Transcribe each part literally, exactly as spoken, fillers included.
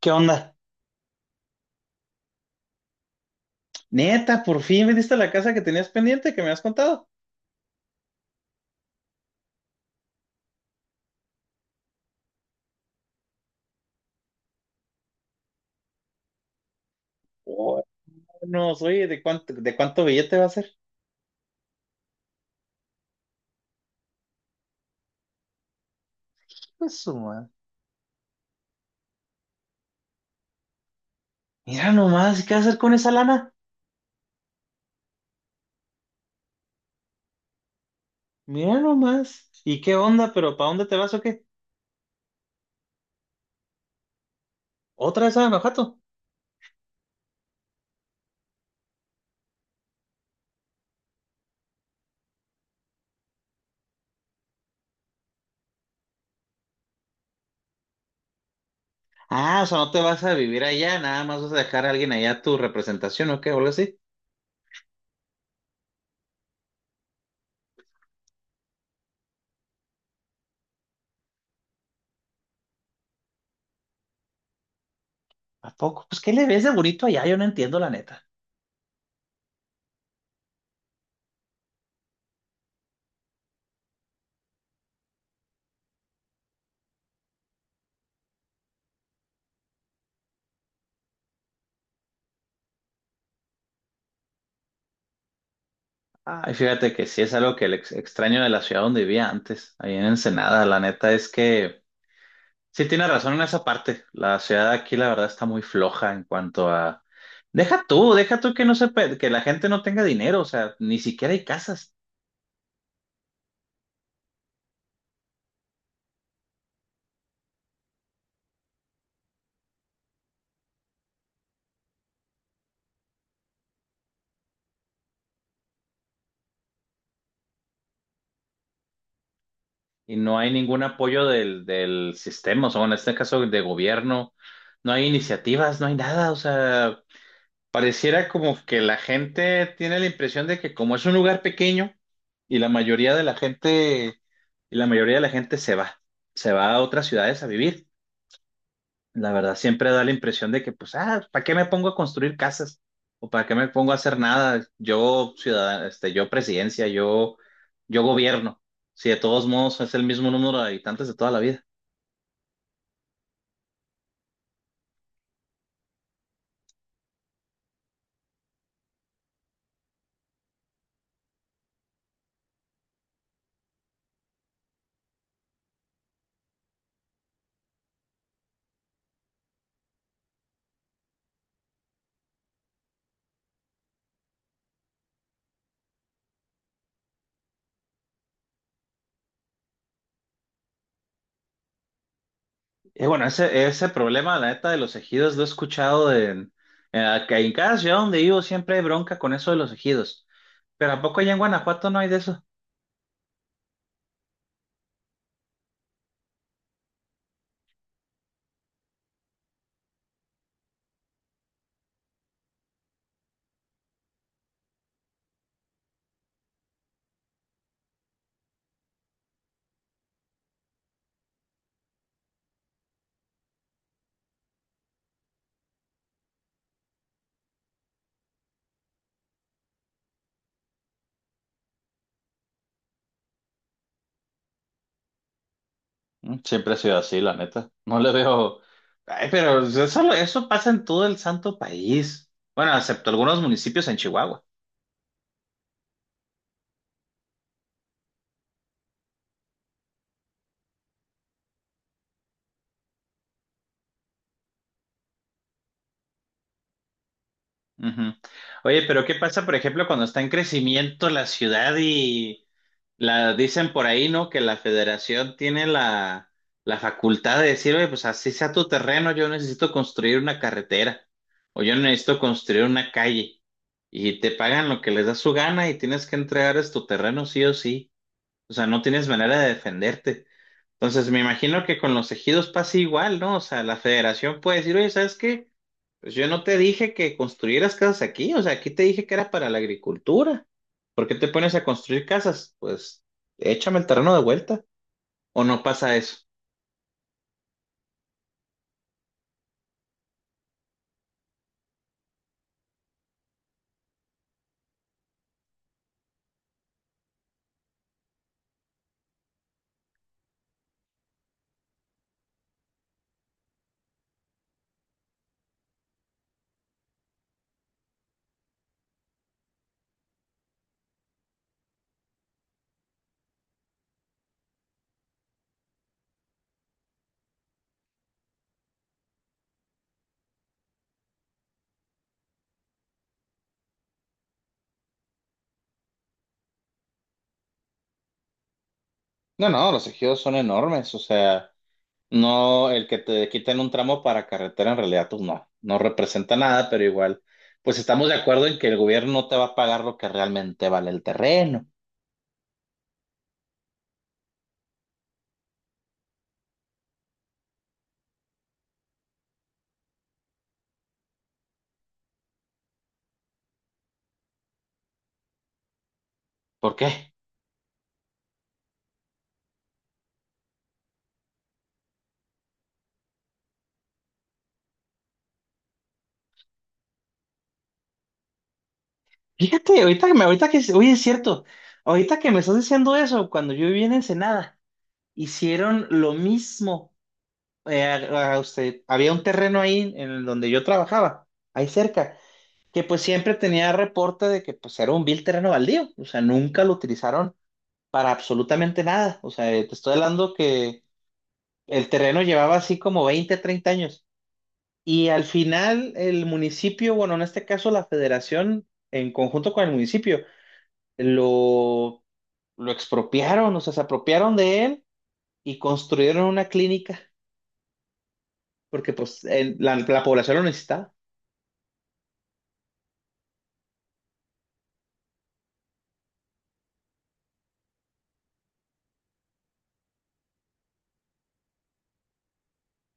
¿Qué onda? Neta, por fin vendiste la casa que tenías pendiente, que me has contado. Oh, no, oye, ¿de cuánto, de cuánto billete va a ser? Pues su madre. Mira nomás, ¿qué hacer con esa lana? Mira nomás. ¿Y qué onda? ¿Pero para dónde te vas o qué? ¿Otra vez a Guanajuato? Ah, o sea, no te vas a vivir allá, nada más vas a dejar a alguien allá tu representación o qué, o algo así. ¿A poco? Pues, ¿qué le ves de bonito allá? Yo no entiendo, la neta. Ay, fíjate que sí es algo que le ex- extraño de la ciudad donde vivía antes, ahí en Ensenada. La neta es que sí, tiene razón en esa parte. La ciudad de aquí, la verdad, está muy floja en cuanto a... Deja tú, deja tú que no se pe- que la gente no tenga dinero, o sea, ni siquiera hay casas y no hay ningún apoyo del, del sistema, o sea, bueno, en este caso de gobierno, no hay iniciativas, no hay nada, o sea, pareciera como que la gente tiene la impresión de que como es un lugar pequeño y la mayoría de la gente, y la mayoría de la gente se va, se va a otras ciudades a vivir. La verdad, siempre da la impresión de que, pues, ah, ¿para qué me pongo a construir casas? ¿O para qué me pongo a hacer nada? Yo, ciudadano, este, yo presidencia, yo, yo gobierno. Si de todos modos es el mismo número de habitantes de toda la vida. Y bueno, ese, ese problema, la neta, de los ejidos lo he escuchado de- en, en, que en cada ciudad donde vivo siempre hay bronca con eso de los ejidos. Pero ¿a poco allá en Guanajuato no hay de eso? Mm, siempre ha sido así, la neta. No le veo. Ay, pero eso, eso pasa en todo el santo país. Bueno, excepto algunos municipios en Chihuahua. Ujú. Oye, pero ¿qué pasa, por ejemplo, cuando está en crecimiento la ciudad y la dicen por ahí, ¿no? Que la federación tiene la, la facultad de decir, oye, pues así sea tu terreno, yo necesito construir una carretera o yo necesito construir una calle. Y te pagan lo que les da su gana y tienes que entregar es tu terreno sí o sí. O sea, no tienes manera de defenderte. Entonces, me imagino que con los ejidos pasa igual, ¿no? O sea, la federación puede decir, oye, ¿sabes qué? Pues yo no te dije que construyeras casas aquí, o sea, aquí te dije que era para la agricultura. ¿Por qué te pones a construir casas? Pues échame el terreno de vuelta. ¿O no pasa eso? No, no, los ejidos son enormes, o sea, no el que te quiten un tramo para carretera en realidad, pues no, no representa nada, pero igual, pues estamos de acuerdo en que el gobierno no te va a pagar lo que realmente vale el terreno. ¿Por qué? Fíjate, ahorita que me, ahorita que, oye, es cierto, ahorita que me estás diciendo eso, cuando yo vivía en Ensenada, hicieron lo mismo. eh, a- a usted, había un terreno ahí en donde yo trabajaba, ahí cerca, que pues siempre tenía reporte de que pues era un vil terreno baldío, o sea, nunca lo utilizaron para absolutamente nada. O sea, eh, te estoy hablando que el terreno llevaba así como veinte, treinta años. Y al final el municipio, bueno, en este caso la federación, en conjunto con el municipio, lo, lo expropiaron, o sea, se apropiaron de él y construyeron una clínica, porque pues el- la, la población lo necesitaba.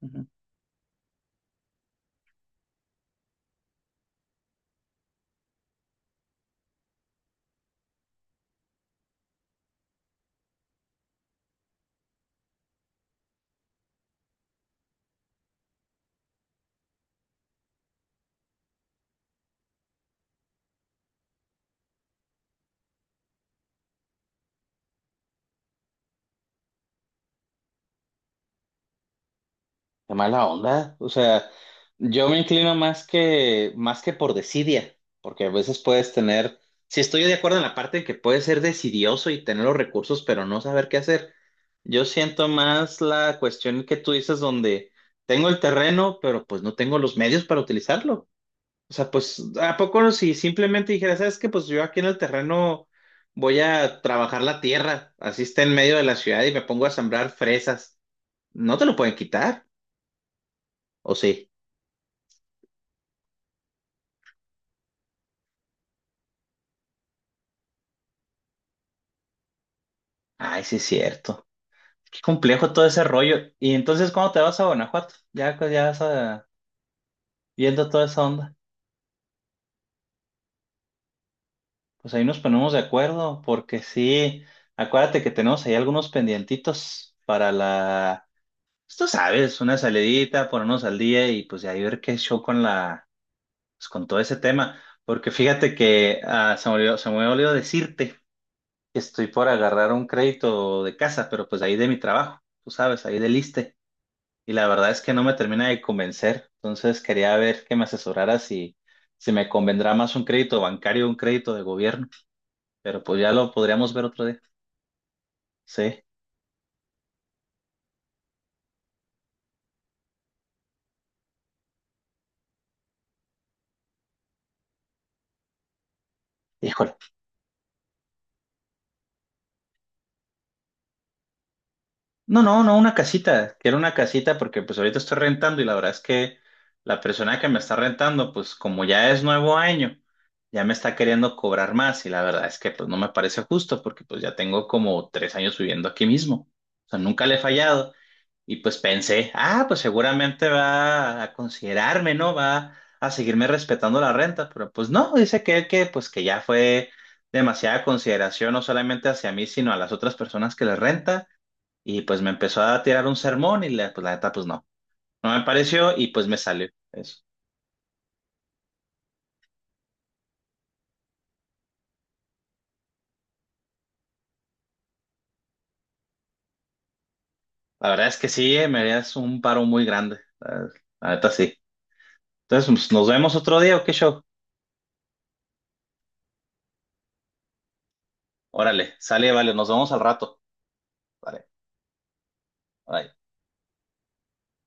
Ujú. Qué mala onda. O sea, yo me inclino más que, más que por desidia, porque a veces puedes tener, si estoy de acuerdo en la parte de que puedes ser desidioso y tener los recursos, pero no saber qué hacer. Yo siento más la cuestión que tú dices donde tengo el terreno, pero pues no tengo los medios para utilizarlo. O sea, pues, ¿a poco no? Si simplemente dijera, ¿sabes qué? Pues yo aquí en el terreno voy a trabajar la tierra, así está en medio de la ciudad y me pongo a sembrar fresas. ¿No te lo pueden quitar? ¿O sí? Ay, sí es cierto. Qué complejo todo ese rollo. Y entonces, ¿cuándo te vas a Guanajuato? Ya, pues, ya vas a- viendo toda esa onda. Pues ahí nos ponemos de acuerdo, porque sí, acuérdate que tenemos ahí algunos pendientitos para la... Pues, tú sabes, una salidita, ponernos al día y pues de ahí ver qué show con la pues, con todo ese tema, porque fíjate que ah, se me olvidó, se me olvidó decirte que estoy por agarrar un crédito de casa, pero pues ahí de mi trabajo, tú sabes, ahí del ISSSTE, y la verdad es que no me termina de convencer, entonces quería ver que me asesorara si, si me convendrá más un crédito bancario o un crédito de gobierno, pero pues ya lo podríamos ver otro día. Sí, híjole. No, no, no, una casita. Quiero una casita porque pues ahorita estoy rentando y la verdad es que la persona que me está rentando, pues como ya es nuevo año, ya me está queriendo cobrar más y la verdad es que pues no me parece justo porque pues ya tengo como tres años viviendo aquí mismo. O sea, nunca le he fallado y pues pensé, ah, pues seguramente va a considerarme, ¿no? Va a seguirme respetando la renta, pero pues no, dice que, que pues que ya fue demasiada consideración no solamente hacia mí, sino a las otras personas que le renta y pues me empezó a tirar un sermón y la, pues la neta, pues no. No me pareció y pues me salió eso. La verdad es que sí, eh, me harías un paro muy grande. La, la neta sí. Entonces, pues, ¿nos vemos otro día o qué show? Órale, sale, vale, nos vemos al rato. Vale, bye.